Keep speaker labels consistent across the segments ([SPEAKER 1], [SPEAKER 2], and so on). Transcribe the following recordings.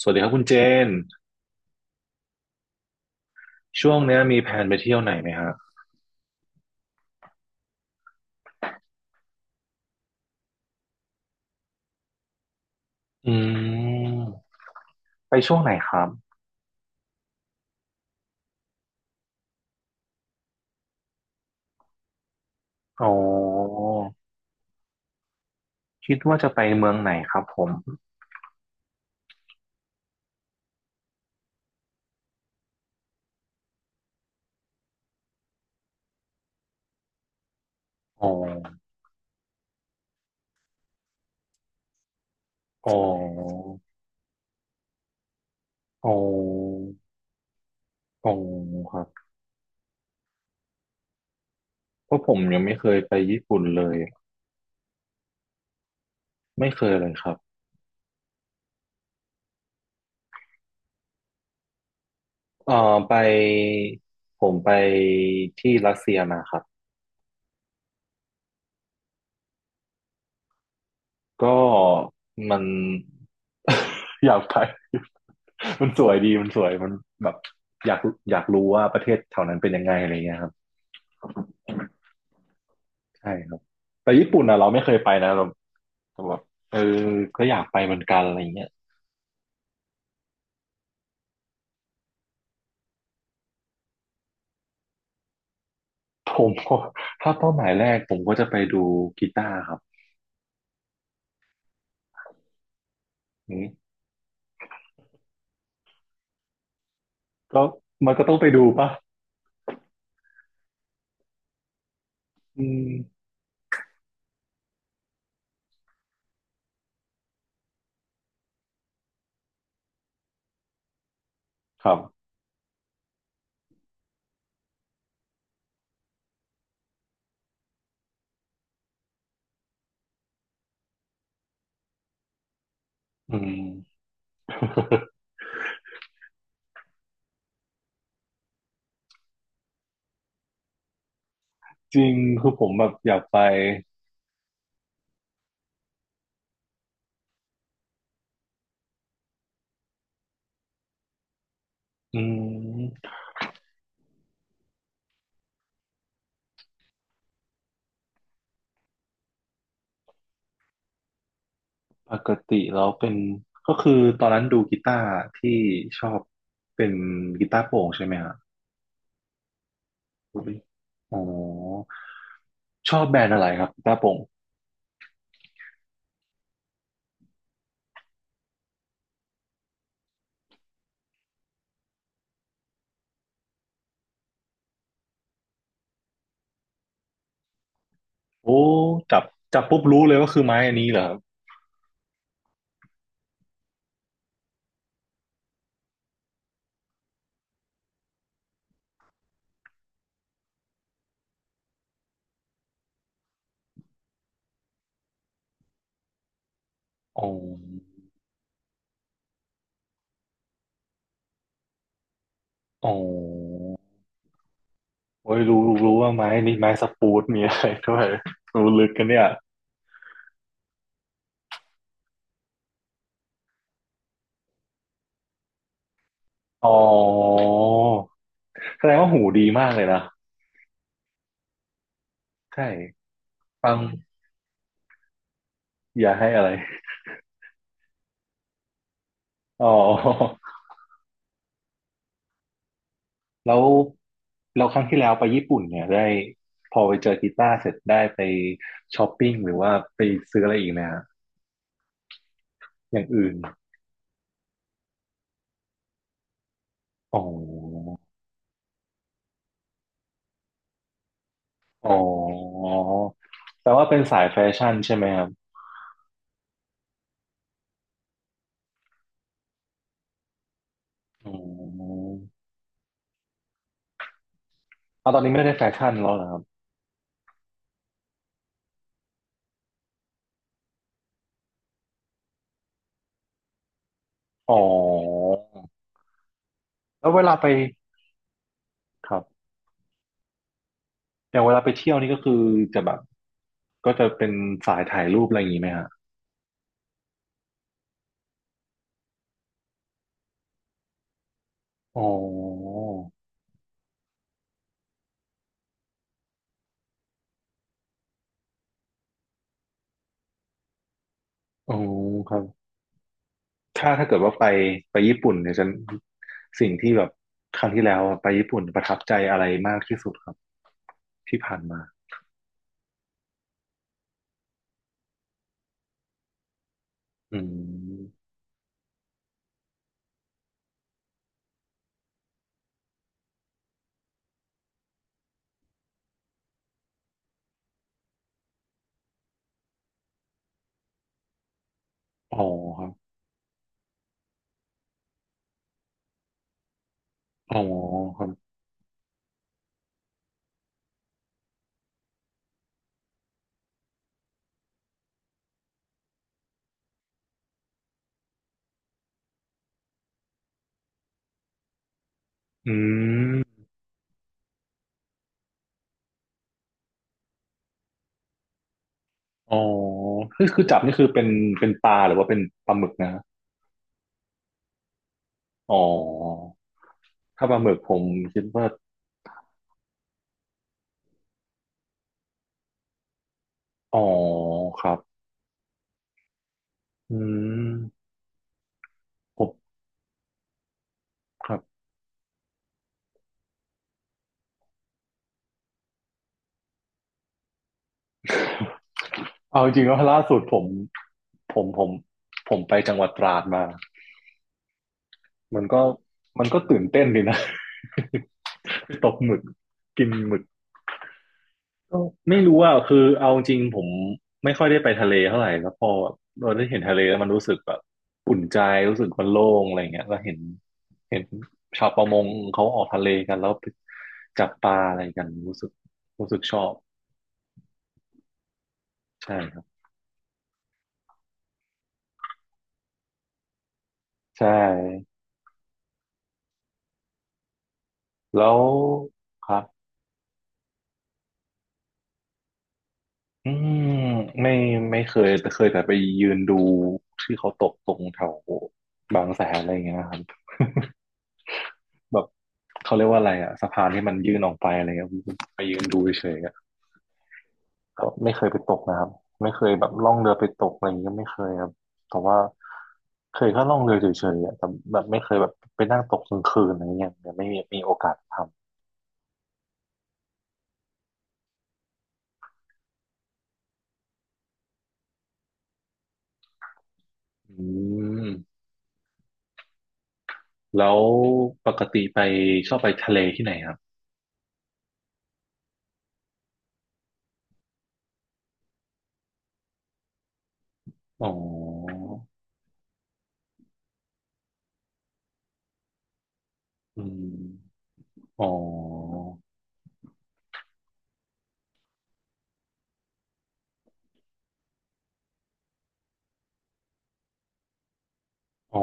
[SPEAKER 1] สวัสดีครับคุณเจนช่วงเนี้ยมีแผนไปเที่ยวไหนไหมฮะอืมไปช่วงไหนครับอ๋อคิดว่าจะไปเมืองไหนครับผมอ๋ออ๋ออ๋ออ๋อครับเพราะผมยังไม่เคยไปญี่ปุ่นเลยไม่เคยเลยครับเอ่อไปผมไปที่รัสเซียมาครับก็มัน อยากไป มันสวยดีมันสวยมันแบบอยากอยากรู้ว่าประเทศแถวนั้นเป็นยังไงอะไรเงี้ยครับใช่ครับแต่ญี่ปุ่นอ่ะเราไม่เคยไปนะเราแต่แบบเออก็อยากไปเหมือนกันอะไรเงี้ยผมก็ถ้าเป้าหมายแรกผมก็จะไปดูกีตาร์ครับอืมก็มันก็ต้องไปดูป่ะอืมครับอืม จริงคือผมแบบอยากไปอืมปกติแล้วเป็นก็คือตอนนั้นดูกีตาร์ที่ชอบเป็นกีตาร์โปร่งใช่ไหมฮะ อุ๊ยอ๋อชอบแบรนด์อะไรครับคุณป้าปงโอ้จับจับปุ๊บรู้เลยว่าคือไม้อันนี้เหรอครับอ๋ออ๋อโอ้ยรู้รู้ว่าไม้นี้ไม้สปูดมีอะไรด้วย รู้ลึกกันเนี่ยอ๋อแสดงว่าหูดีมากเลยนะใช่ฟังอย่าให้อะไรอ๋อแล้วเราครั้งที่แล้วไปญี่ปุ่นเนี่ยได้พอไปเจอกีตาร์เสร็จได้ไปช้อปปิ้งหรือว่าไปซื้ออะไรอีกนะฮะอย่างอื่นอ๋อ อ๋อแปลว่าเป็นสายแฟชั่นใช่ไหมครับอืมเอาตอนนี้ไม่ได้แฟชั่นแล้วเหรอครับอ๋อแล้วเวลาไปครับอย่างเวลาไปเที่ยวนี่ก็คือจะแบบก็จะเป็นสายถ่ายรูปอะไรอย่างนี้ไหมฮะอ๋ออ๋อครับถ้าเกิดว่าไปไปญี่ปุ่นเนี่ยจะสิ่งที่แบบครั้งที่แล้วไปญี่ปุ่นประทับใจอะไรมากที่สุดครับที่ผ่านมาอืมอ๋อครับอ๋อครับอืม อ๋อ คือจับนี่คือเป็นเป็นปลาหรือว่าเป็นปลาหมึกนะ อ๋อ ถ้าปลาหมึกผมคิดว่า อ๋อ ครับอืมผมครับเอาจริงๆแล้วาล่าสุดผมผมผมผมไปจังหวัดตราดมา มันก็มันก็ตื่นเต้นดีนะ ไปตกหมึกกินหมึก ก็ไม่รู้อ่ะคือเอาจริงผมไม่ค่อยได้ไปทะเลเท่าไหร่แล้วพอเราได้เห็นทะเลแล้วมันรู้สึกแบบอุ่นใจรู้สึกมันโล่งอะไรเงี้ยแล้วเห็นชาวประมงเขาออกทะเลกันแล้วไปจับปลาอะไรกันรู้สึกรู้สึกชอบใช่ครับใช่แล้วครับอืมไม่ไม่เคยแต่เคยแต่ไปยืนดูที่เขาตกตรงแถวบางแสนอะไรอย่างเงี้ยครับ แบบเขาเรียกว่าอะไรอะสะพานที่มันยื่นออกไปอะไรเงี้ยผมไปยืนดูเฉยๆอะก็ไม่เคยไปตกนะครับไม่เคยแบบล่องเรือไปตกอะไรอย่างเงี้ยก็ไม่เคยครับแต่ว่าเคยแค่ล่องเรือเฉยๆอะแต่แบบไม่เคยแบบไปนั่งตกกลางคืนอะไรเงี้ยยังไม่มีมีโอกาสทำอืมแล้วปกติไปชอบไปทะเลที่ไหนครับอ๋ออืมอ๋ออ๋อ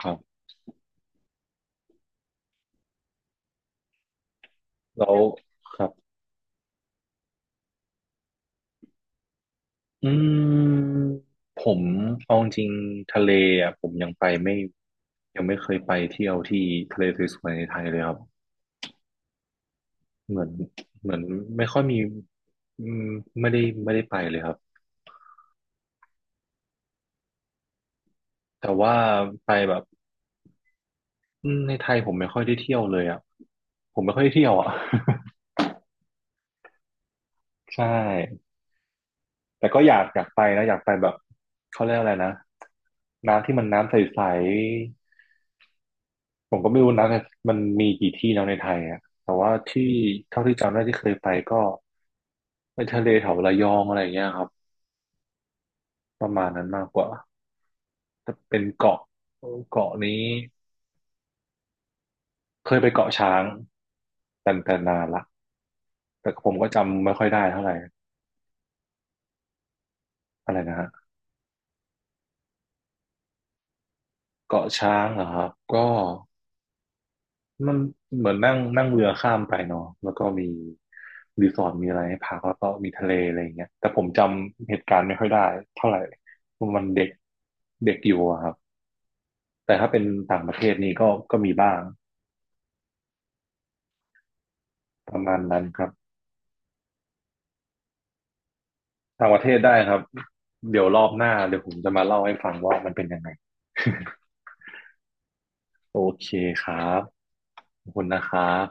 [SPEAKER 1] ครับแล้วครับ อืมผมเอาจริงๆทะเลอ่ะผมยังไปไม่ยังไม่เคยไปเที่ยวที่ทะเลสวยๆในไทยเลยครับเหมือนเหมือนไม่ค่อยมีอืมไม่ได้ไม่ได้ไปเลยครับแต่ว่าไปแบบอืมในไทยผมไม่ค่อยได้เที่ยวเลยอ่ะผมไม่ค่อยได้เที่ยวอ่ะ ใช่แต่ก็อยากอยากไปนะอยากไปแบบเขาเรียกอะไรนะน้ำที่มันน้ำใส ผมก็ไม่รู้นะมันมีกี่ที่แล้วในไทยอะแต่ว่าที่เท่าที่จำได้ที่เคยไปก็ไปทะเลแถวระยองอะไรอย่างเงี้ยครับประมาณนั้นมากกว่าแต่เป็นเกาะเกาะนี้เคยไปเกาะช้างแต่แต่นานละแต่ผมก็จำไม่ค่อยได้เท่าไหร่อะไรนะฮะเกาะช้างเหรอครับก็ มันเหมือนนั่งนั่งเรือข้ามไปเนาะแล้วก็มีรีสอร์ทมีอะไรให้พักแล้วก็มีทะเลอะไรอย่างเงี้ยแต่ผมจำเหตุการณ์ไม่ค่อยได้เท่าไหร่มันเด็กเด็กอยู่อะครับแต่ถ้าเป็นต่างประเทศนี่ก็ก็มีบ้างประมาณนั้นครับต่างประเทศได้ครับเดี๋ยวรอบหน้าเดี๋ยวผมจะมาเล่าให้ฟังว่ามันเป็นยังไง โอเคครับขอบคุณนะครับ